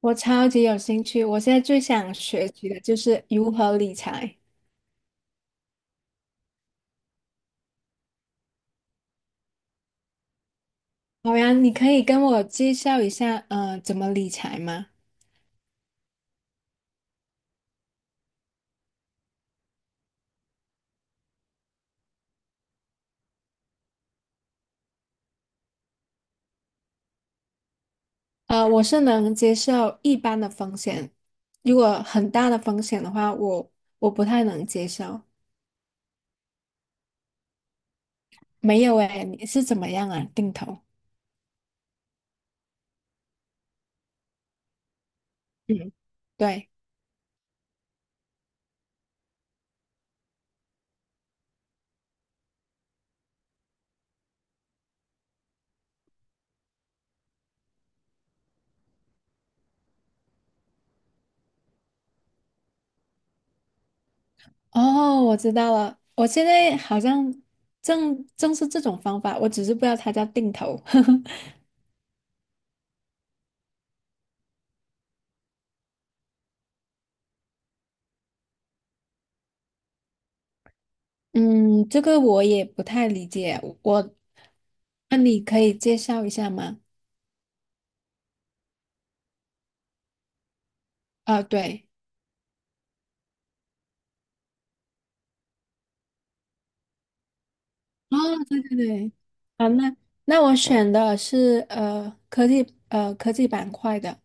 我超级有兴趣，我现在最想学习的就是如何理财。好呀，你可以跟我介绍一下，怎么理财吗？我是能接受一般的风险，如果很大的风险的话，我不太能接受。没有诶，你是怎么样啊？定投？嗯，对。哦，我知道了，我现在好像正是这种方法，我只是不知道它叫定投。嗯，这个我也不太理解。我，那你可以介绍一下吗？啊，对，哦，对对对，啊，那我选的是科技板块的，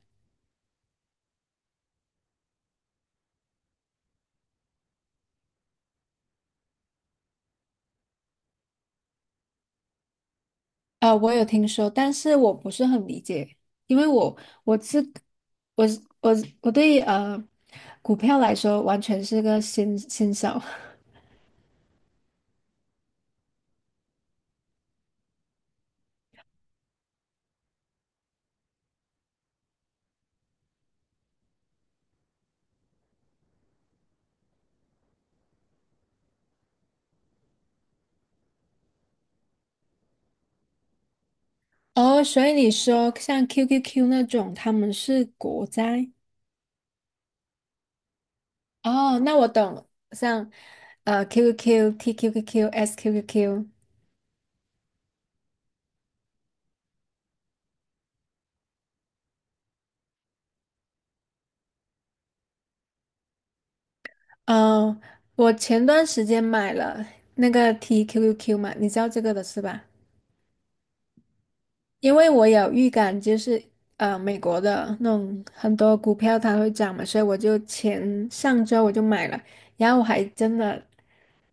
啊，我有听说，但是我不是很理解，因为我是我对股票来说完全是个新手。哦，所以你说像 QQQ 那种，他们是国债？哦，那我懂了，像QQQ、TQQQ、SQQQ。哦，我前段时间买了那个 TQQQ 嘛，你知道这个的是吧？因为我有预感，就是美国的那种很多股票它会涨嘛，所以我就前上周我就买了，然后我还真的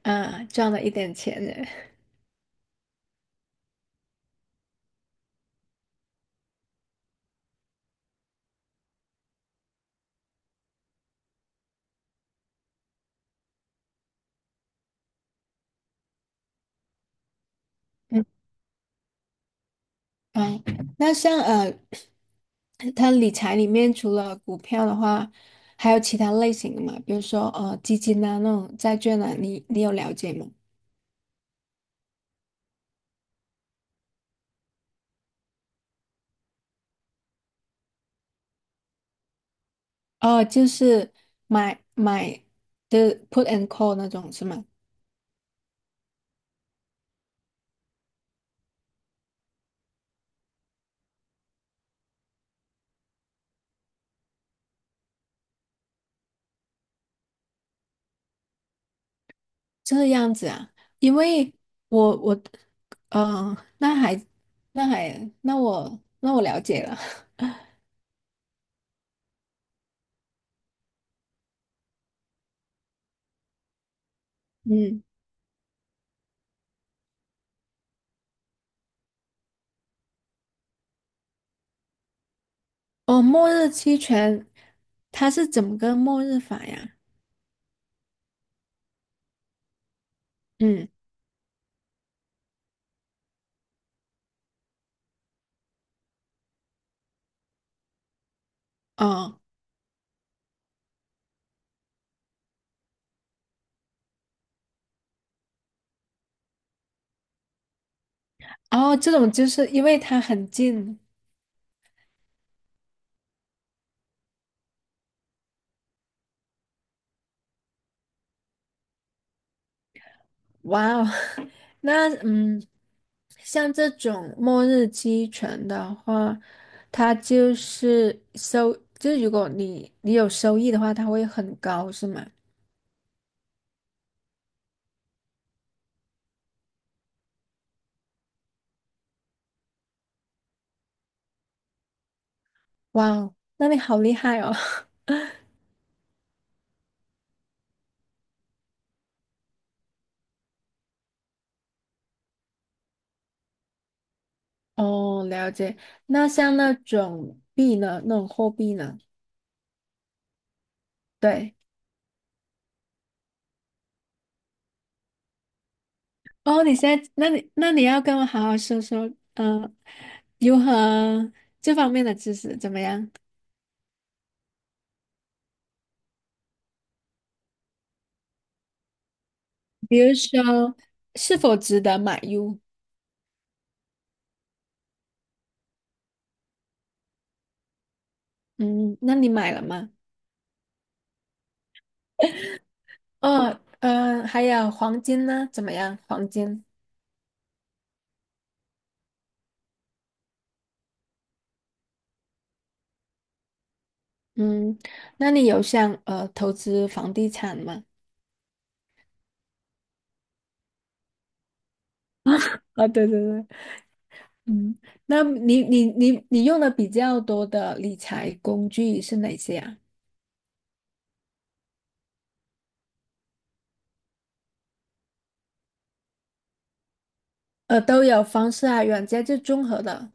赚了一点钱呢。嗯，哦，那像它理财里面除了股票的话，还有其他类型的嘛？比如说基金啊那种债券啊，你有了解吗？哦，就是买的 put and call 那种是吗？这样子啊，因为我我呃，那还那我了解了，嗯，哦，末日期权它是怎么个末日法呀？嗯，哦，哦，这种就是因为它很近。哇哦，那嗯，像这种末日期犬的话，它就是收，就是如果你有收益的话，它会很高，是吗？哇哦，那你好厉害哦！哦，了解。那像那种币呢，那种货币呢？对。哦，你现在，那你要跟我好好说说，如何这方面的知识怎么样？比如说，是否值得买入？嗯，那你买了吗？哦，还有黄金呢？怎么样？黄金？嗯，那你有想投资房地产吗？啊、对对对，嗯，那你用的比较多的理财工具是哪些啊？都有方式啊，软件就综合的，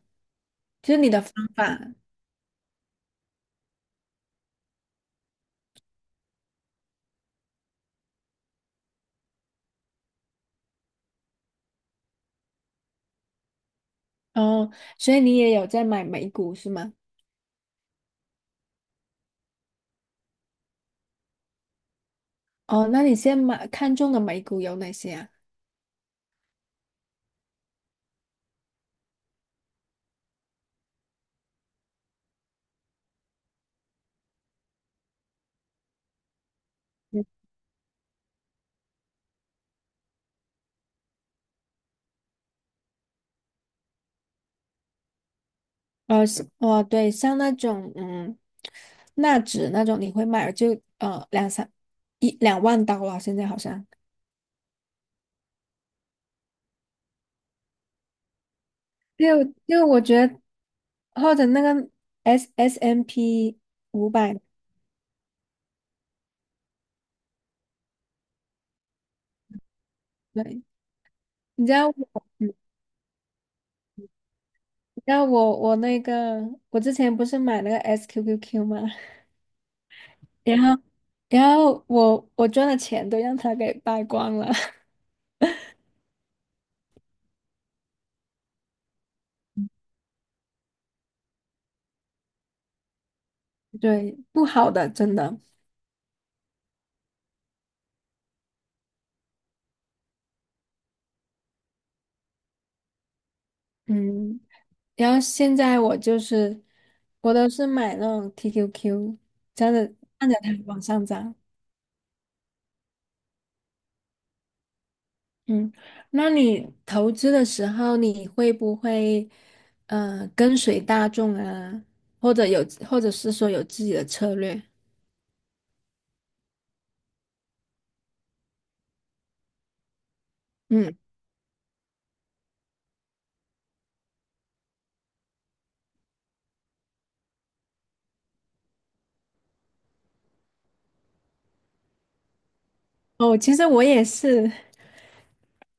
就是你的方法。哦，所以你也有在买美股是吗？哦，那你现在买看中的美股有哪些啊？像哦，对，像那种嗯，纳指那种，你会买就两三一两万刀啊，现在好像。因为我觉得或者那个 SSMP 500，对，你知道我，嗯你知道我那个我之前不是买那个 SQQQ 吗？然后我赚的钱都让他给败光了，对，不好的真的，嗯。然后现在我都是买那种 TQQ，这样子按着它往上涨。嗯，那你投资的时候，你会不会跟随大众啊，或者是说有自己的策略？嗯，哦，其实我也是，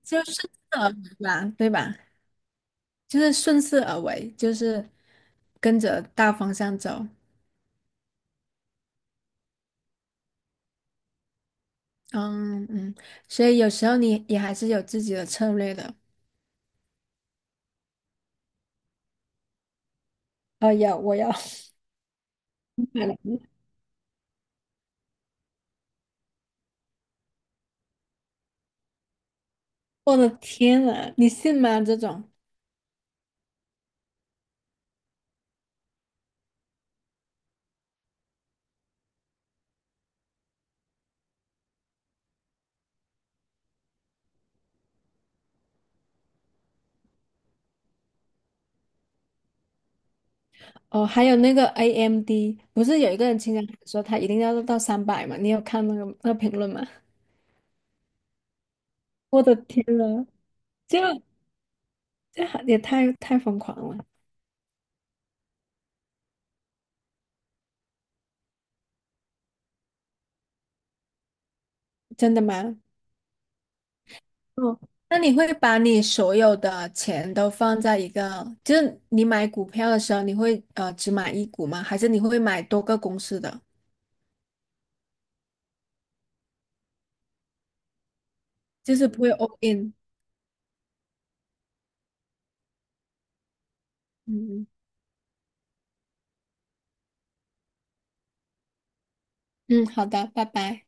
就顺势而为吧，对吧？就是顺势而为，就是跟着大方向走。嗯嗯，所以有时候你也还是有自己的策略的。哦，有，我有。买了我的天呐，你信吗？这种哦，还有那个 AMD，不是有一个人经常说他一定要到300嘛？你有看那个评论吗？我的天呐，这这也太疯狂了，真的吗？哦，那你会把你所有的钱都放在一个，就是你买股票的时候，你会只买一股吗？还是你会买多个公司的？就是不会 all in。嗯嗯嗯，好的，拜拜。